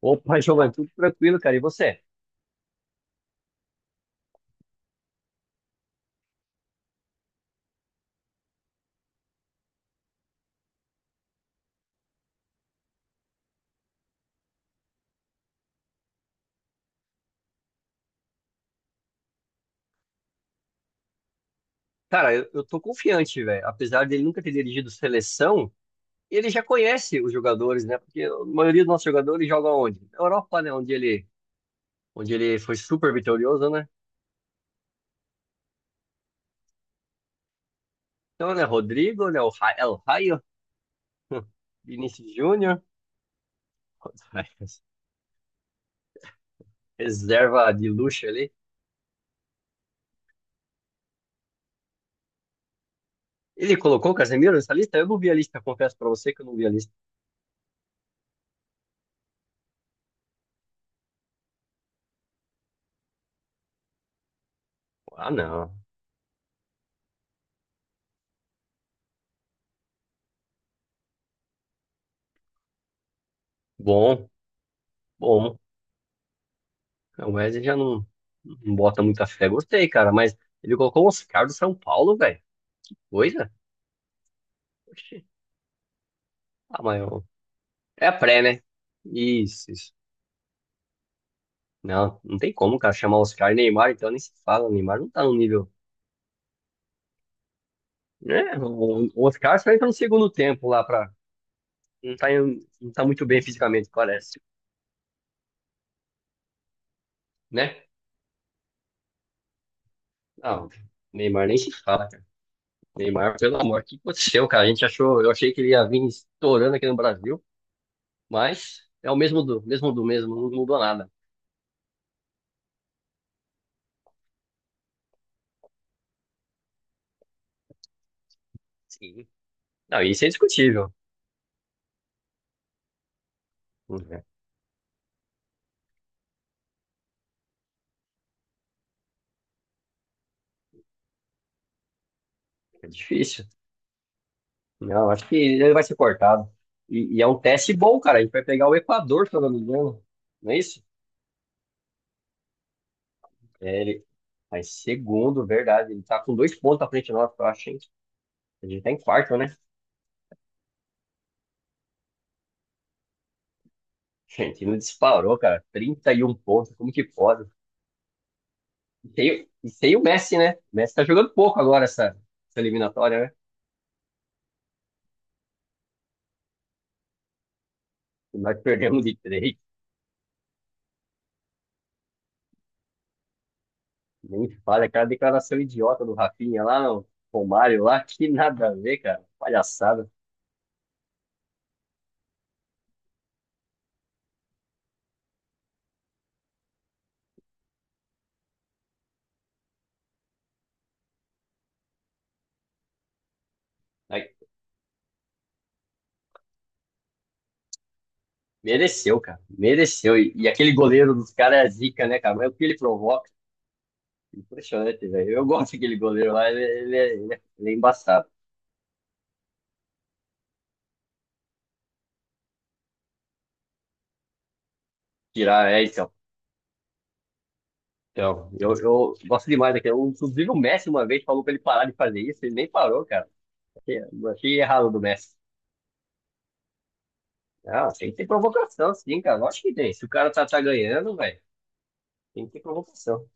Opa, Giovanni, tudo tranquilo, cara. E você? Cara, eu tô confiante, velho. Apesar dele nunca ter dirigido seleção, ele já conhece os jogadores, né? Porque a maioria dos nossos jogadores joga onde? Na Europa, né? Onde ele foi super vitorioso, né? Então, né? Rodrigo, né? El Raio, Vinícius Júnior, reserva de luxo ali. Ele colocou o Casemiro nessa lista? Eu não vi a lista, confesso pra você que eu não vi a lista. Ah, não. Bom, bom. É, o Wesley já não, não bota muita fé. Gostei, cara, mas ele colocou o Oscar do São Paulo, velho. Coisa? Oxi. Ah, é a pré, né? Isso, isso. Não, não tem como, cara, chamar Oscar e Neymar, então nem se fala. O Neymar não tá no nível. Né? O Oscar só entra no segundo tempo lá pra. Não tá, não tá muito bem fisicamente, parece. Né? Não, Neymar nem se fala, cara. Neymar, pelo amor, o que aconteceu, cara? A gente achou, eu achei que ele ia vir estourando aqui no Brasil, mas é o mesmo do mesmo do mesmo, não mudou nada. Sim. Não, isso é indiscutível. É é difícil. Não, acho que ele vai ser cortado. E é um teste bom, cara. A gente vai pegar o Equador, se eu não me engano. Não é isso? É, ele mas segundo, verdade. Ele tá com dois pontos à frente de nós, eu acho, hein? A gente tá em quarto, né? Gente, ele disparou, cara. 31 pontos. Como que pode? E sem o Messi, né? O Messi tá jogando pouco agora essa eliminatória, né? Nós perdemos de três. Nem fale, aquela declaração idiota do Rafinha lá, o Romário lá, que nada a ver, cara. Palhaçada. Ai, mereceu, cara. Mereceu. E aquele goleiro dos caras é zica, né, cara? Mas o que ele provoca? Impressionante, velho. Eu gosto daquele goleiro lá, ele é embaçado. Tirar, é, então. Então, eu gosto demais daquele. Inclusive, o Messi uma vez falou pra ele parar de fazer isso, ele nem parou, cara. Achei, achei errado do Messi. Não, tem que ter provocação, sim, cara. Lógico que tem. Se o cara tá ganhando, velho, tem que ter provocação.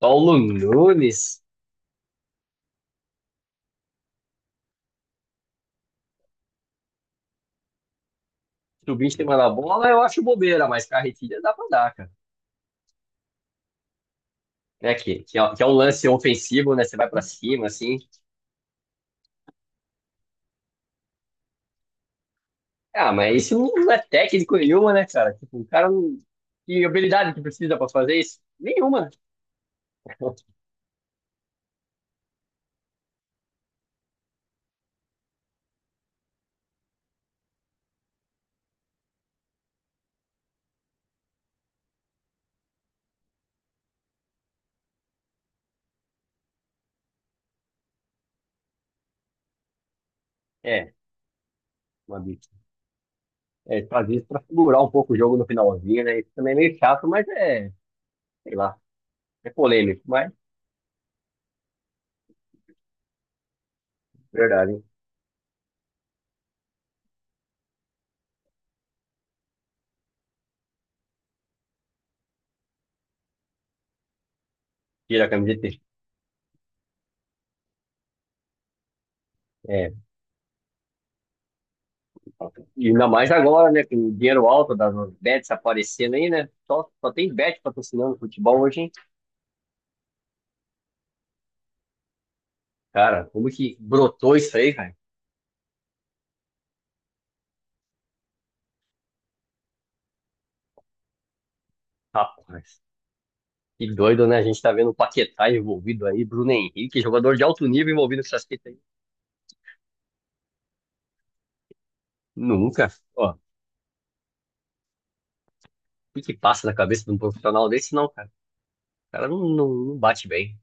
Paulo Nunes subindo em cima da bola, eu acho bobeira, mas carretilha dá pra dar, cara. Né, que é um lance ofensivo, né? Você vai pra cima, assim. Ah, mas isso não é técnico nenhuma, né, cara? Tipo, o cara não. Que habilidade que precisa pra fazer isso? Nenhuma, né? É, uma bicha. É, fazer isso pra segurar um pouco o jogo no finalzinho, né? Isso também é meio chato, mas é, sei lá, é polêmico, mas verdade, hein? Tira a camiseta. É, e ainda mais agora, né? Com o dinheiro alto das bets aparecendo aí, né? Só tem bet patrocinando futebol hoje, hein? Cara, como que brotou isso aí, cara? Rapaz, que doido, né? A gente tá vendo o Paquetá envolvido aí, Bruno Henrique, jogador de alto nível envolvido com essas fitas aí. Nunca. Ó, o que que passa na cabeça de um profissional desse, não, cara? O cara não bate bem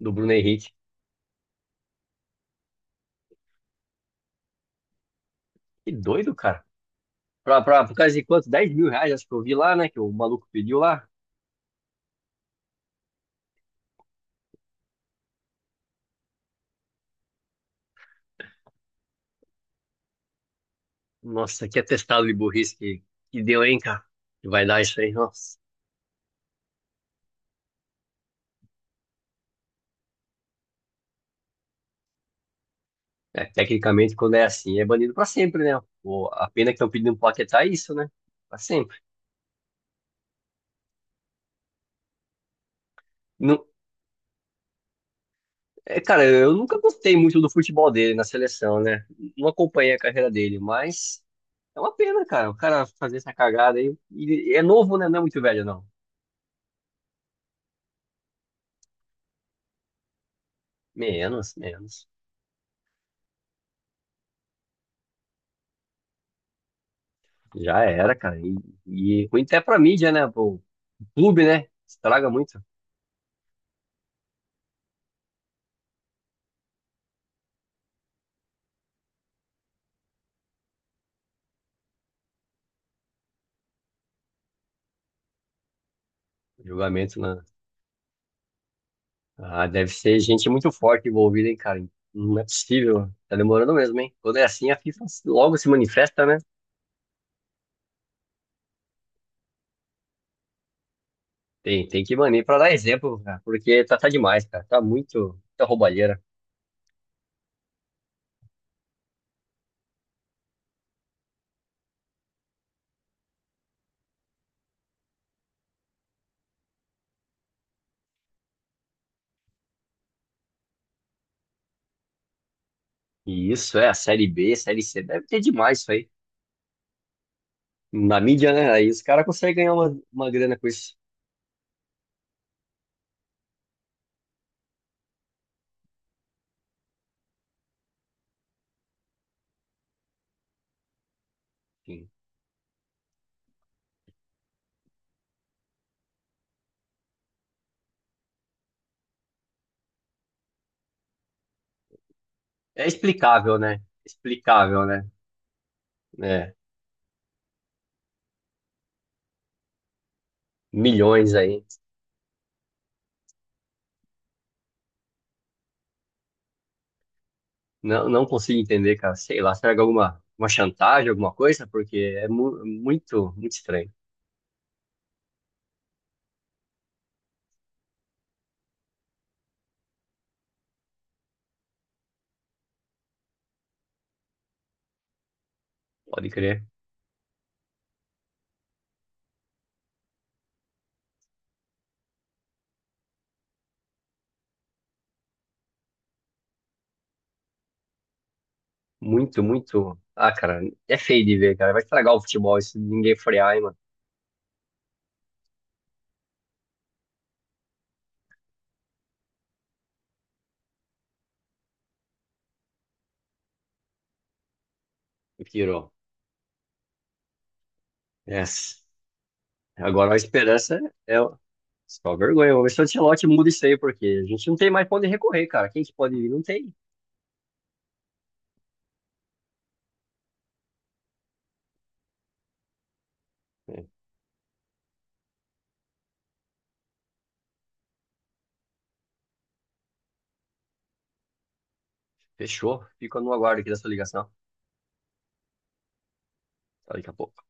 do Bruno Henrique. Que doido, cara. Por causa de quanto? R$ 10.000, acho que eu vi lá, né? Que o maluco pediu lá. Nossa, que atestado de burrice que deu, hein, cara? Que vai dar isso aí, nossa. É, tecnicamente, quando é assim, é banido pra sempre, né? A pena que estão pedindo pro Paquetá é isso, né? Pra sempre. Não, é, cara, eu nunca gostei muito do futebol dele na seleção, né? Não acompanhei a carreira dele, mas é uma pena, cara. O cara fazer essa cagada aí. E é novo, né? Não é muito velho, não. Menos, menos. Já era, cara. E ruim até pra mídia, né? Pro clube, né? Estraga muito o julgamento, né? Ah, deve ser gente muito forte envolvida, hein, cara? Não é possível. Tá demorando mesmo, hein? Quando é assim, a FIFA logo se manifesta, né? Tem que banir pra dar exemplo, cara, porque tá demais, cara. Tá muito, muita roubalheira. E isso é a Série B, Série C. Deve ter demais isso aí. Na mídia, né? Aí os caras conseguem ganhar uma grana com isso. Enfim, é explicável, né? Explicável, né? É, milhões aí. Não, não consigo entender, cara. Sei lá, será que é alguma, uma chantagem, alguma coisa? Porque é muito, muito estranho. Pode crer. Muito, muito. Ah, cara, é feio de ver, cara. Vai estragar o futebol se ninguém frear, hein, mano. Me Tirou. Yes. Agora a esperança é o- só vergonha. Vamos ver se o Ancelotti muda isso aí, porque a gente não tem mais pra onde recorrer, cara. Quem que pode vir? Não tem. É, fechou. Fico no aguardo aqui dessa ligação. Até daqui a pouco.